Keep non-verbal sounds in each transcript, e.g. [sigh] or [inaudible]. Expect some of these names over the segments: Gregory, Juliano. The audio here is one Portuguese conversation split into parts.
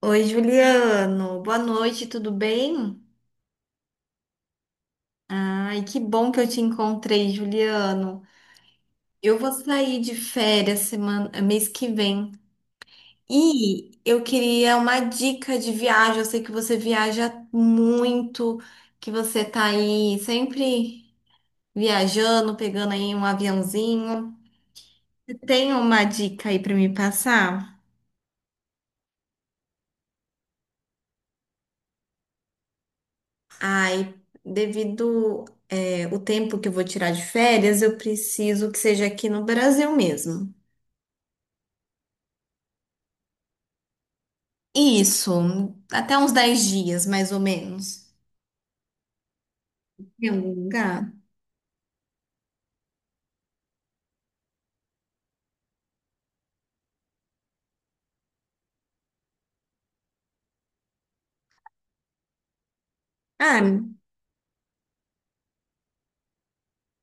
Oi, Juliano. Boa noite, tudo bem? Ai, que bom que eu te encontrei, Juliano. Eu vou sair de férias semana, mês que vem. E eu queria uma dica de viagem. Eu sei que você viaja muito, que você tá aí sempre viajando, pegando aí um aviãozinho. Você tem uma dica aí para me passar? Ai, devido o tempo que eu vou tirar de férias, eu preciso que seja aqui no Brasil mesmo. Isso, até uns 10 dias, mais ou menos. Em algum lugar? Ah,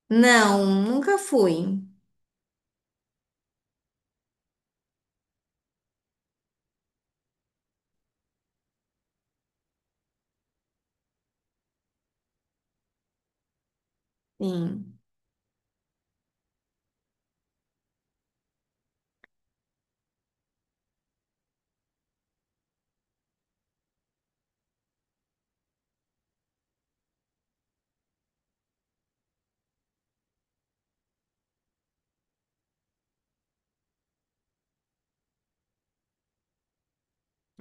não, nunca fui. Sim.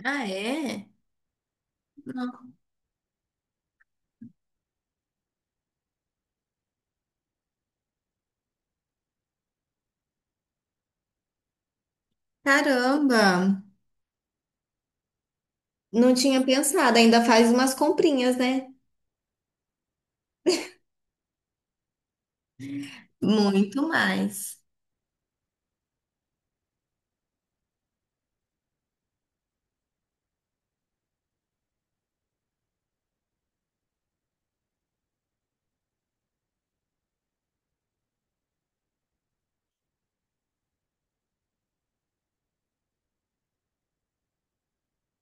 Ah, é? Não. Caramba, não tinha pensado. Ainda faz umas comprinhas, né? Muito mais.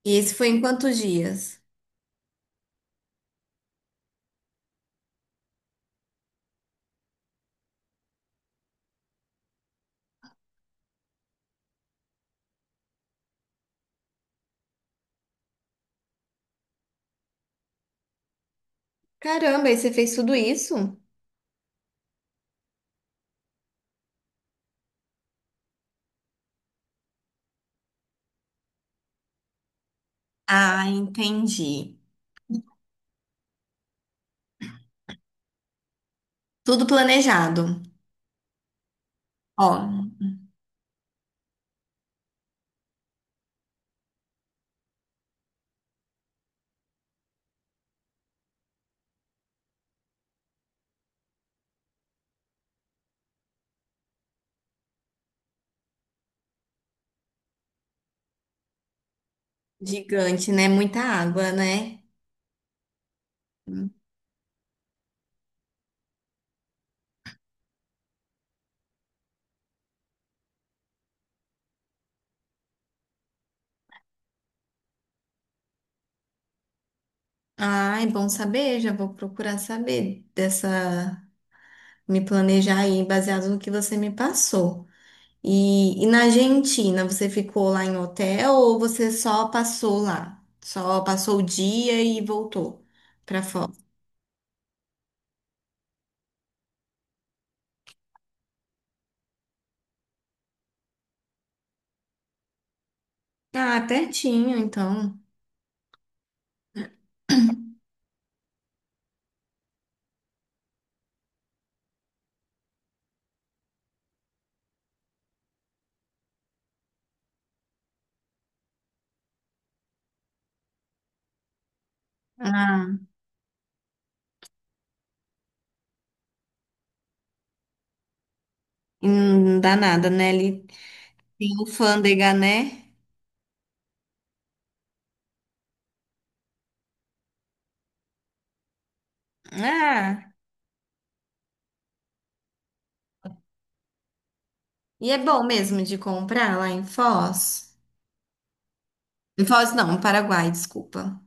E esse foi em quantos dias? Caramba, e você fez tudo isso? Ah, entendi. Tudo planejado. Ó, gigante, né? Muita água, né? Ah, é bom saber, já vou procurar saber dessa, me planejar aí baseado no que você me passou. E na Argentina, você ficou lá em hotel ou você só passou lá? Só passou o dia e voltou pra fora? Ah, pertinho, então. Ah, e não dá nada, né? Ele tem alfândega, né? Ah, e é bom mesmo de comprar lá em Foz? Em Foz, não, no Paraguai, desculpa.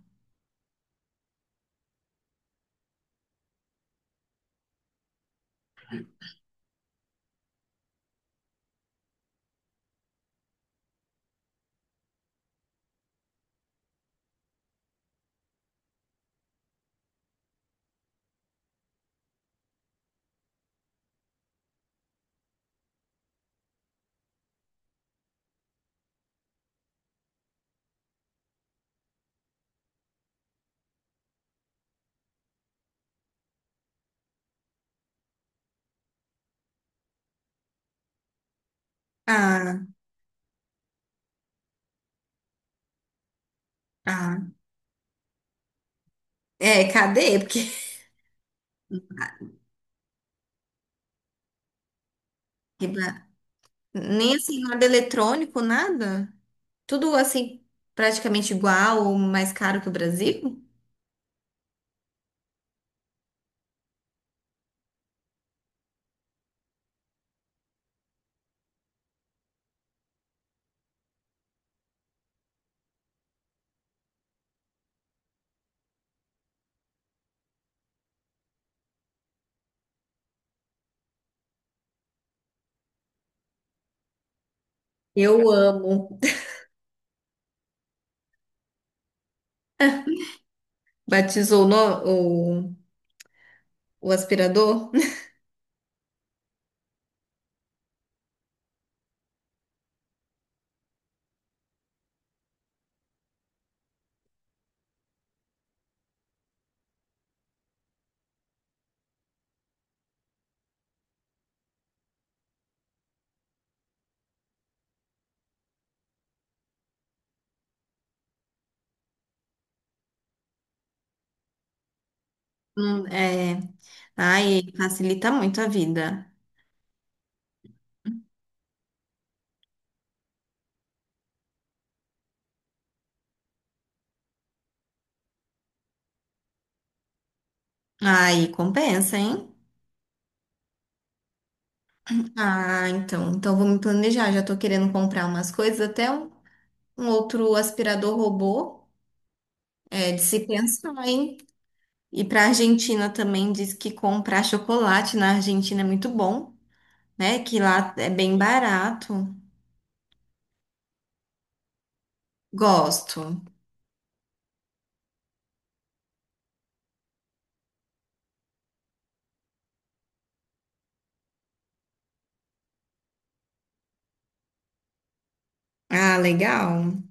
Ah, ah. É, cadê? Porque Riba- nem assim, nada eletrônico, nada. Tudo assim, praticamente igual ou mais caro que o Brasil. Eu amo. Batizou o, no- o aspirador. [laughs] É. Ai, facilita muito a vida. Aí compensa, hein? Ah, então, então vou me planejar. Já tô querendo comprar umas coisas, um outro aspirador robô. É de se pensar, hein? E para a Argentina também diz que comprar chocolate na Argentina é muito bom, né? Que lá é bem barato. Gosto. Ah, legal.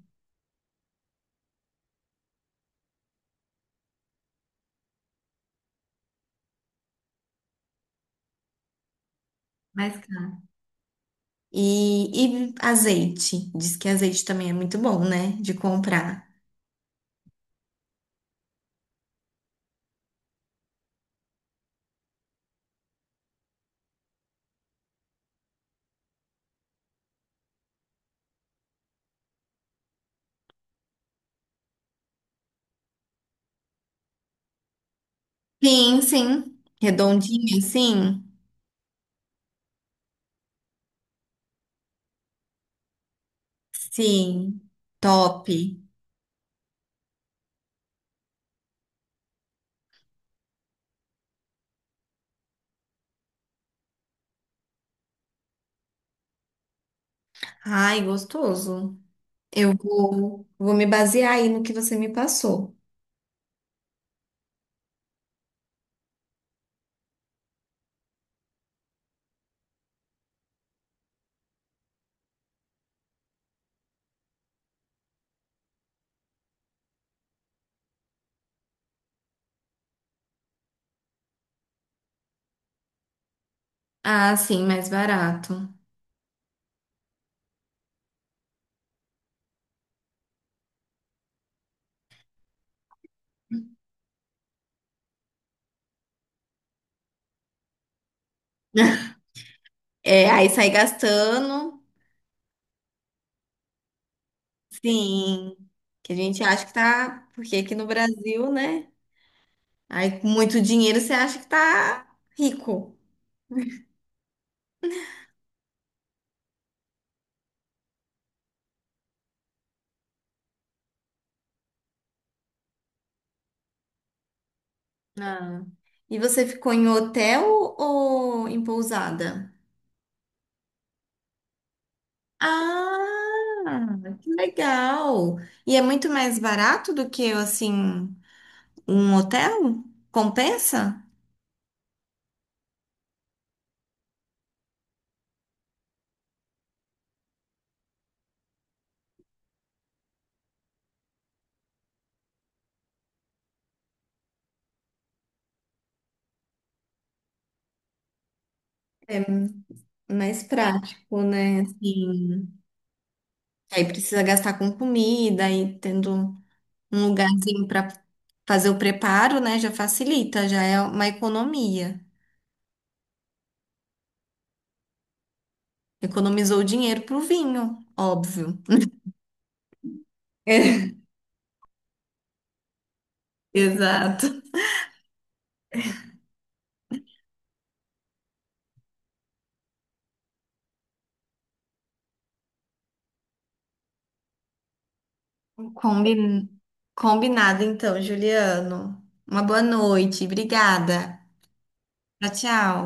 Mas, cara, e azeite. Diz que azeite também é muito bom, né? De comprar. Sim, sim. Redondinho, sim. Sim. Top. Ai, gostoso. Vou me basear aí no que você me passou. Ah, sim, mais barato. [laughs] É, aí sai gastando. Sim, que a gente acha que tá, porque aqui no Brasil, né? Aí com muito dinheiro você acha que tá rico. Ah. E você ficou em hotel ou em pousada? Ah, que legal! E é muito mais barato do que assim um hotel? Compensa? Mais prático, né? Assim, aí precisa gastar com comida e tendo um lugarzinho para fazer o preparo, né? Já facilita, já é uma economia. Economizou dinheiro pro vinho, óbvio. [laughs] Exato. Combi- combinado, então, Juliano. Uma boa noite. Obrigada. Tchau, tchau.